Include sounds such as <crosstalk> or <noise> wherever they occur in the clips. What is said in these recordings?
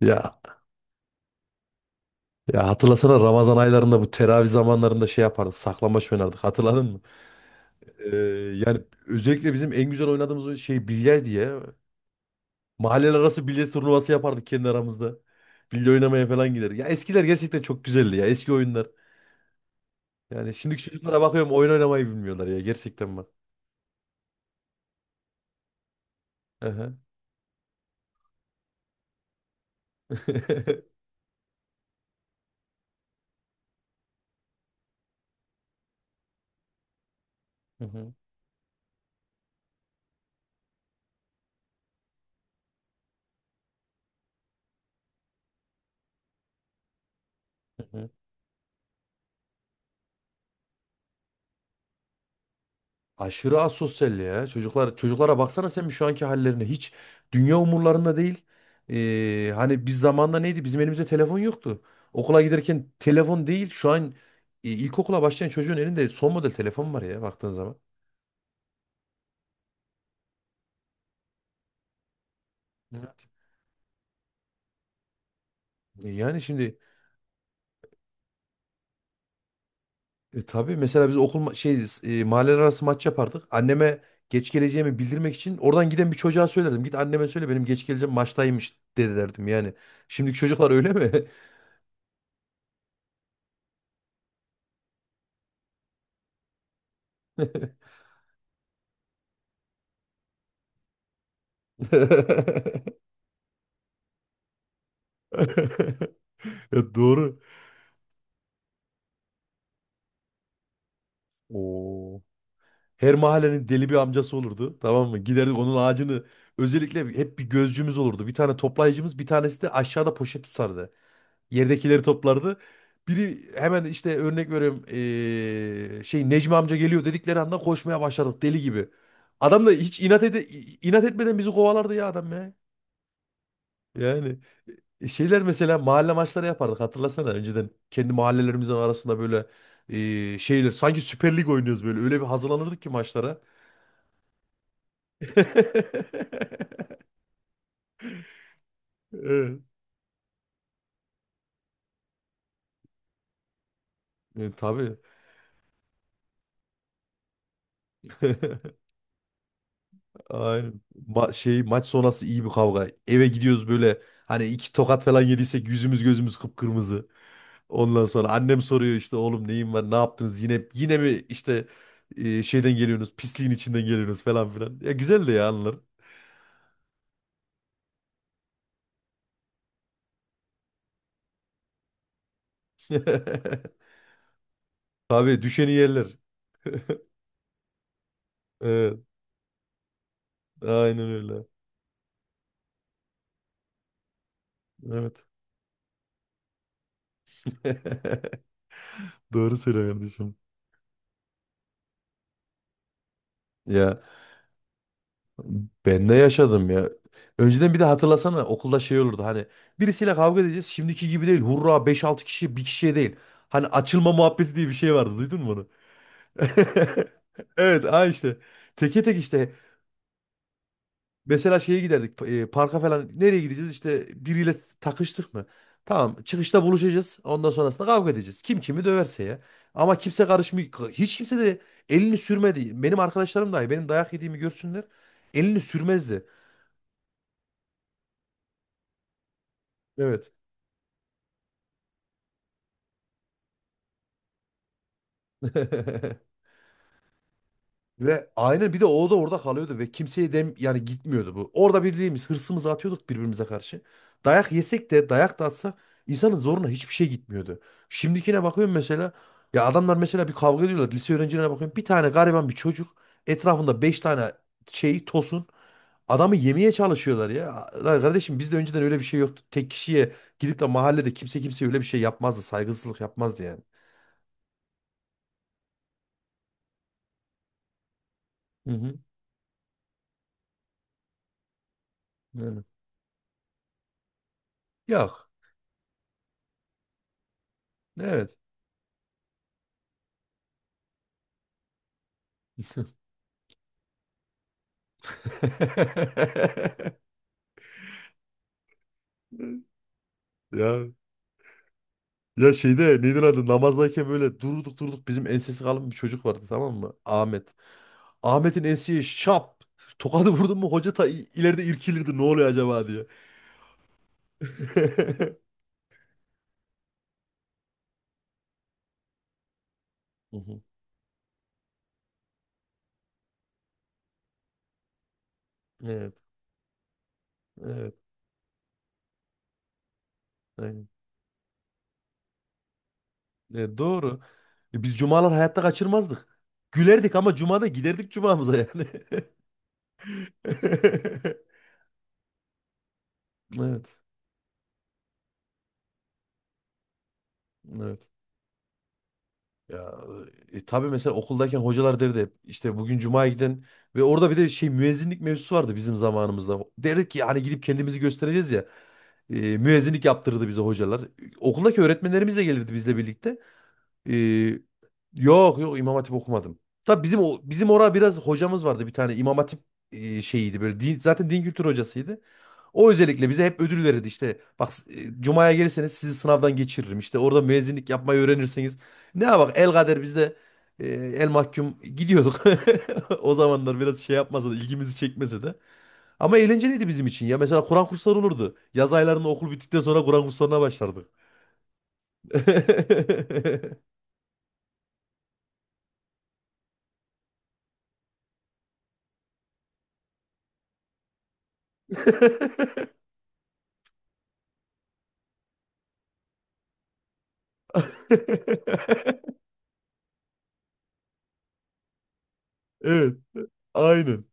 Ya ya hatırlasana Ramazan aylarında bu teravih zamanlarında şey yapardık. Saklambaç oynardık. Hatırladın mı? Ee, yani özellikle bizim en güzel oynadığımız oyun şey bilye diye. Mahalleler arası bilye turnuvası yapardık kendi aramızda. Bilye oynamaya falan giderdik. Ya eskiler gerçekten çok güzeldi ya. Eski oyunlar. Yani şimdiki çocuklara bakıyorum oyun oynamayı bilmiyorlar ya. Gerçekten bak. Aha. <laughs> Hı hı, hı hı. Aşırı asosyal ya. Çocuklar çocuklara baksana sen bir şu anki hallerine. Hiç dünya umurlarında değil. Hani biz zamanında neydi? Bizim elimizde telefon yoktu. Okula giderken telefon değil. Şu an ilkokula başlayan çocuğun elinde son model telefon var ya baktığın zaman. Evet. Yani şimdi tabii mesela biz şey mahalleler arası maç yapardık. Anneme geç geleceğimi bildirmek için oradan giden bir çocuğa söylerdim. Git anneme söyle benim geç geleceğim maçtaymış dedi derdim yani. Şimdiki çocuklar öyle mi? <laughs> Ya doğru. Oo. Her mahallenin deli bir amcası olurdu. Tamam mı? Giderdik onun ağacını. Özellikle hep bir gözcümüz olurdu. Bir tane toplayıcımız, bir tanesi de aşağıda poşet tutardı. Yerdekileri toplardı. Biri hemen işte örnek veriyorum şey Necmi amca geliyor dedikleri anda koşmaya başladık deli gibi. Adam da hiç inat etmeden bizi kovalardı ya adam ya. Yani şeyler mesela mahalle maçları yapardık hatırlasana önceden kendi mahallelerimizin arasında böyle şeyler sanki Süper Lig oynuyoruz böyle öyle bir hazırlanırdık ki maçlara. <laughs> Evet. Tabii. <laughs> Aynen. Şey maç sonrası iyi bir kavga. Eve gidiyoruz böyle hani iki tokat falan yediysek yüzümüz gözümüz kıpkırmızı. Ondan sonra annem soruyor işte oğlum neyin var ne yaptınız yine yine mi işte şeyden geliyorsunuz pisliğin içinden geliyorsunuz falan filan. Ya güzeldi ya anılar. <laughs> Tabii düşeni yerler. Evet. Aynen öyle. Evet. <laughs> Doğru söylüyor kardeşim. Ya ben de yaşadım ya. Önceden bir de hatırlasana okulda şey olurdu hani birisiyle kavga edeceğiz şimdiki gibi değil. Hurra beş altı kişi bir kişiye değil. Hani açılma muhabbeti diye bir şey vardı duydun mu onu? <laughs> Evet ha işte. Teke tek işte mesela şeye giderdik parka falan. Nereye gideceğiz? İşte biriyle takıştık mı? Tamam çıkışta buluşacağız. Ondan sonrasında kavga edeceğiz. Kim kimi döverse ya. Ama kimse karışmıyor. Hiç kimse de elini sürmedi. Benim arkadaşlarım dahi benim dayak yediğimi görsünler. Elini sürmezdi. Evet. <laughs> Ve aynen bir de o da orada kalıyordu ve kimseye yani gitmiyordu bu. Orada birliğimiz hırsımızı atıyorduk birbirimize karşı. Dayak yesek de dayak da atsak insanın zoruna hiçbir şey gitmiyordu. Şimdikine bakıyorum mesela ya adamlar mesela bir kavga ediyorlar. Lise öğrencilerine bakıyorum bir tane gariban bir çocuk etrafında beş tane şey tosun adamı yemeye çalışıyorlar ya. Lan kardeşim bizde önceden öyle bir şey yoktu. Tek kişiye gidip de mahallede kimse kimseye öyle bir şey yapmazdı. Saygısızlık yapmazdı yani. Hı hı. Aynen. Yok. Evet. <laughs> Ya ya şeyde nedir adı namazdayken böyle durduk durduk bizim ensesi kalın bir çocuk vardı tamam mı? Ahmet. Ahmet'in enseye şap tokadı vurdun mu hoca ta ileride irkilirdi ne oluyor acaba diye. <laughs> Hı hı. Evet. Evet. Aynen. Evet, doğru. Biz cumalar hayatta kaçırmazdık. Gülerdik ama cumada giderdik cumamıza yani. <laughs> Evet. Evet. Ya tabii mesela okuldayken hocalar derdi hep işte bugün cumaya gidin ve orada bir de şey müezzinlik mevzusu vardı bizim zamanımızda. Derdik ki hani gidip kendimizi göstereceğiz ya. Müezzinlik yaptırırdı bize hocalar. Okuldaki öğretmenlerimiz de gelirdi bizle birlikte. E, Yok, yok, İmam Hatip okumadım. Tabii bizim bizim orada biraz hocamız vardı bir tane İmam Hatip şeyiydi böyle din, zaten din kültürü hocasıydı. O özellikle bize hep ödül verirdi işte. Bak Cuma'ya gelirseniz sizi sınavdan geçiririm. İşte orada müezzinlik yapmayı öğrenirseniz. Ne bak el kader biz de el mahkum gidiyorduk. <laughs> O zamanlar biraz şey yapmasa da ilgimizi çekmese de. Ama eğlenceliydi bizim için ya. Mesela Kur'an kursları olurdu. Yaz aylarında okul bittikten sonra Kur'an kurslarına başlardık. <laughs> Evet. Aynı.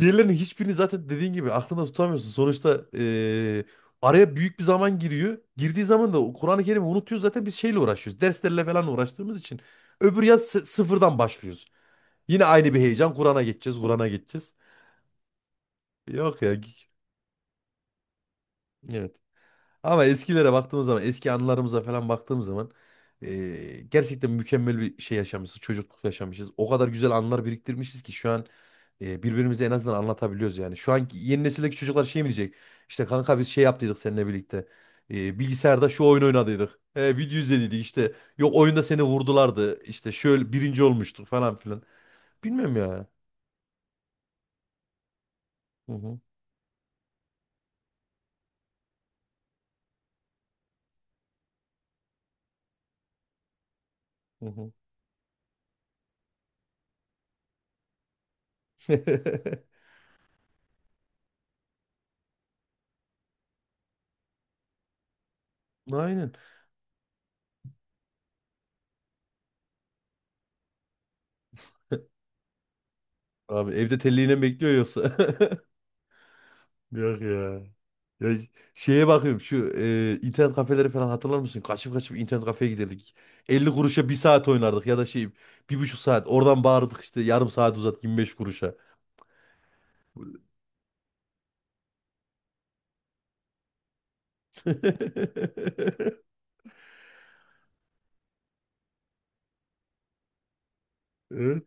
Diğerlerinin hiçbirini zaten dediğin gibi aklında tutamıyorsun. Sonuçta araya büyük bir zaman giriyor. Girdiği zaman da o Kur'an-ı Kerim'i unutuyor zaten biz şeyle uğraşıyoruz. Derslerle falan uğraştığımız için. Öbür yaz sıfırdan başlıyoruz. Yine aynı bir heyecan. Kur'an'a geçeceğiz, Kur'an'a geçeceğiz. Yok ya. Evet. Ama eskilere baktığımız zaman, eski anılarımıza falan baktığım zaman gerçekten mükemmel bir şey yaşamışız, çocukluk yaşamışız. O kadar güzel anılar biriktirmişiz ki şu an birbirimize en azından anlatabiliyoruz yani. Şu anki yeni nesildeki çocuklar şey mi diyecek? İşte kanka biz şey yaptıydık seninle birlikte. Bilgisayarda şu oyun oynadıydık. Video izlediydik işte. Yok oyunda seni vurdulardı. İşte şöyle birinci olmuştuk falan filan. Bilmem ya. Hı hı, hı hı. <laughs> Aynen. Abi evde telliğine mi bekliyor yoksa? <laughs> Yok ya. Ya şeye bakıyorum şu internet kafeleri falan hatırlar mısın? Kaçıp kaçıp internet kafeye giderdik. 50 kuruşa bir saat oynardık ya da şey 1,5 saat. Oradan bağırdık işte yarım saat uzat 25 kuruşa. <laughs> Evet.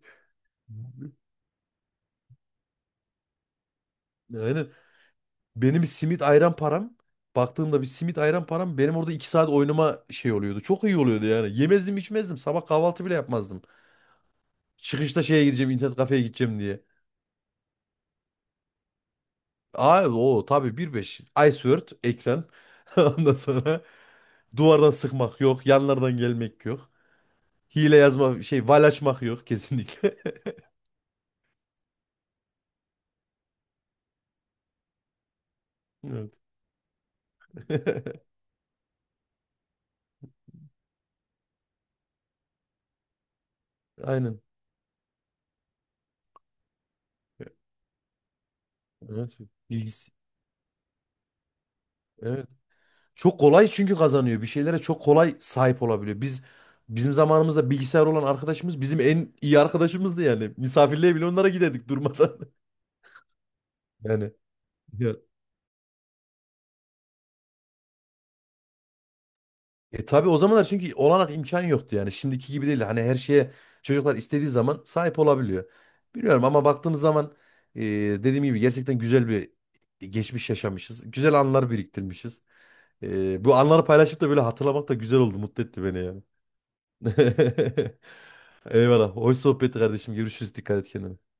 Aynen. Benim bir simit ayran param. Baktığımda bir simit ayran param benim orada 2 saat oynama şey oluyordu. Çok iyi oluyordu yani. Yemezdim içmezdim. Sabah kahvaltı bile yapmazdım. Çıkışta şeye gideceğim internet kafeye gideceğim. Aa, o tabii bir beş Ice Word ekran. <laughs> Ondan sonra duvardan sıkmak yok. Yanlardan gelmek yok. Hile yazma şey val açmak yok kesinlikle. <laughs> Evet. <laughs> Aynen. Evet. Bilgisi. Evet. Çok kolay çünkü kazanıyor. Bir şeylere çok kolay sahip olabiliyor. Bizim zamanımızda bilgisayar olan arkadaşımız bizim en iyi arkadaşımızdı yani. Misafirliğe bile onlara giderdik durmadan. <laughs> Yani. E tabii o zamanlar çünkü olanak imkan yoktu yani. Şimdiki gibi değil. Hani her şeye çocuklar istediği zaman sahip olabiliyor. Bilmiyorum ama baktığımız zaman dediğim gibi gerçekten güzel bir geçmiş yaşamışız. Güzel anılar biriktirmişiz. Bu anları paylaşıp da böyle hatırlamak da güzel oldu. Mutlu etti beni yani. <laughs> Eyvallah. Hoş sohbetti kardeşim. Görüşürüz. Dikkat et kendine.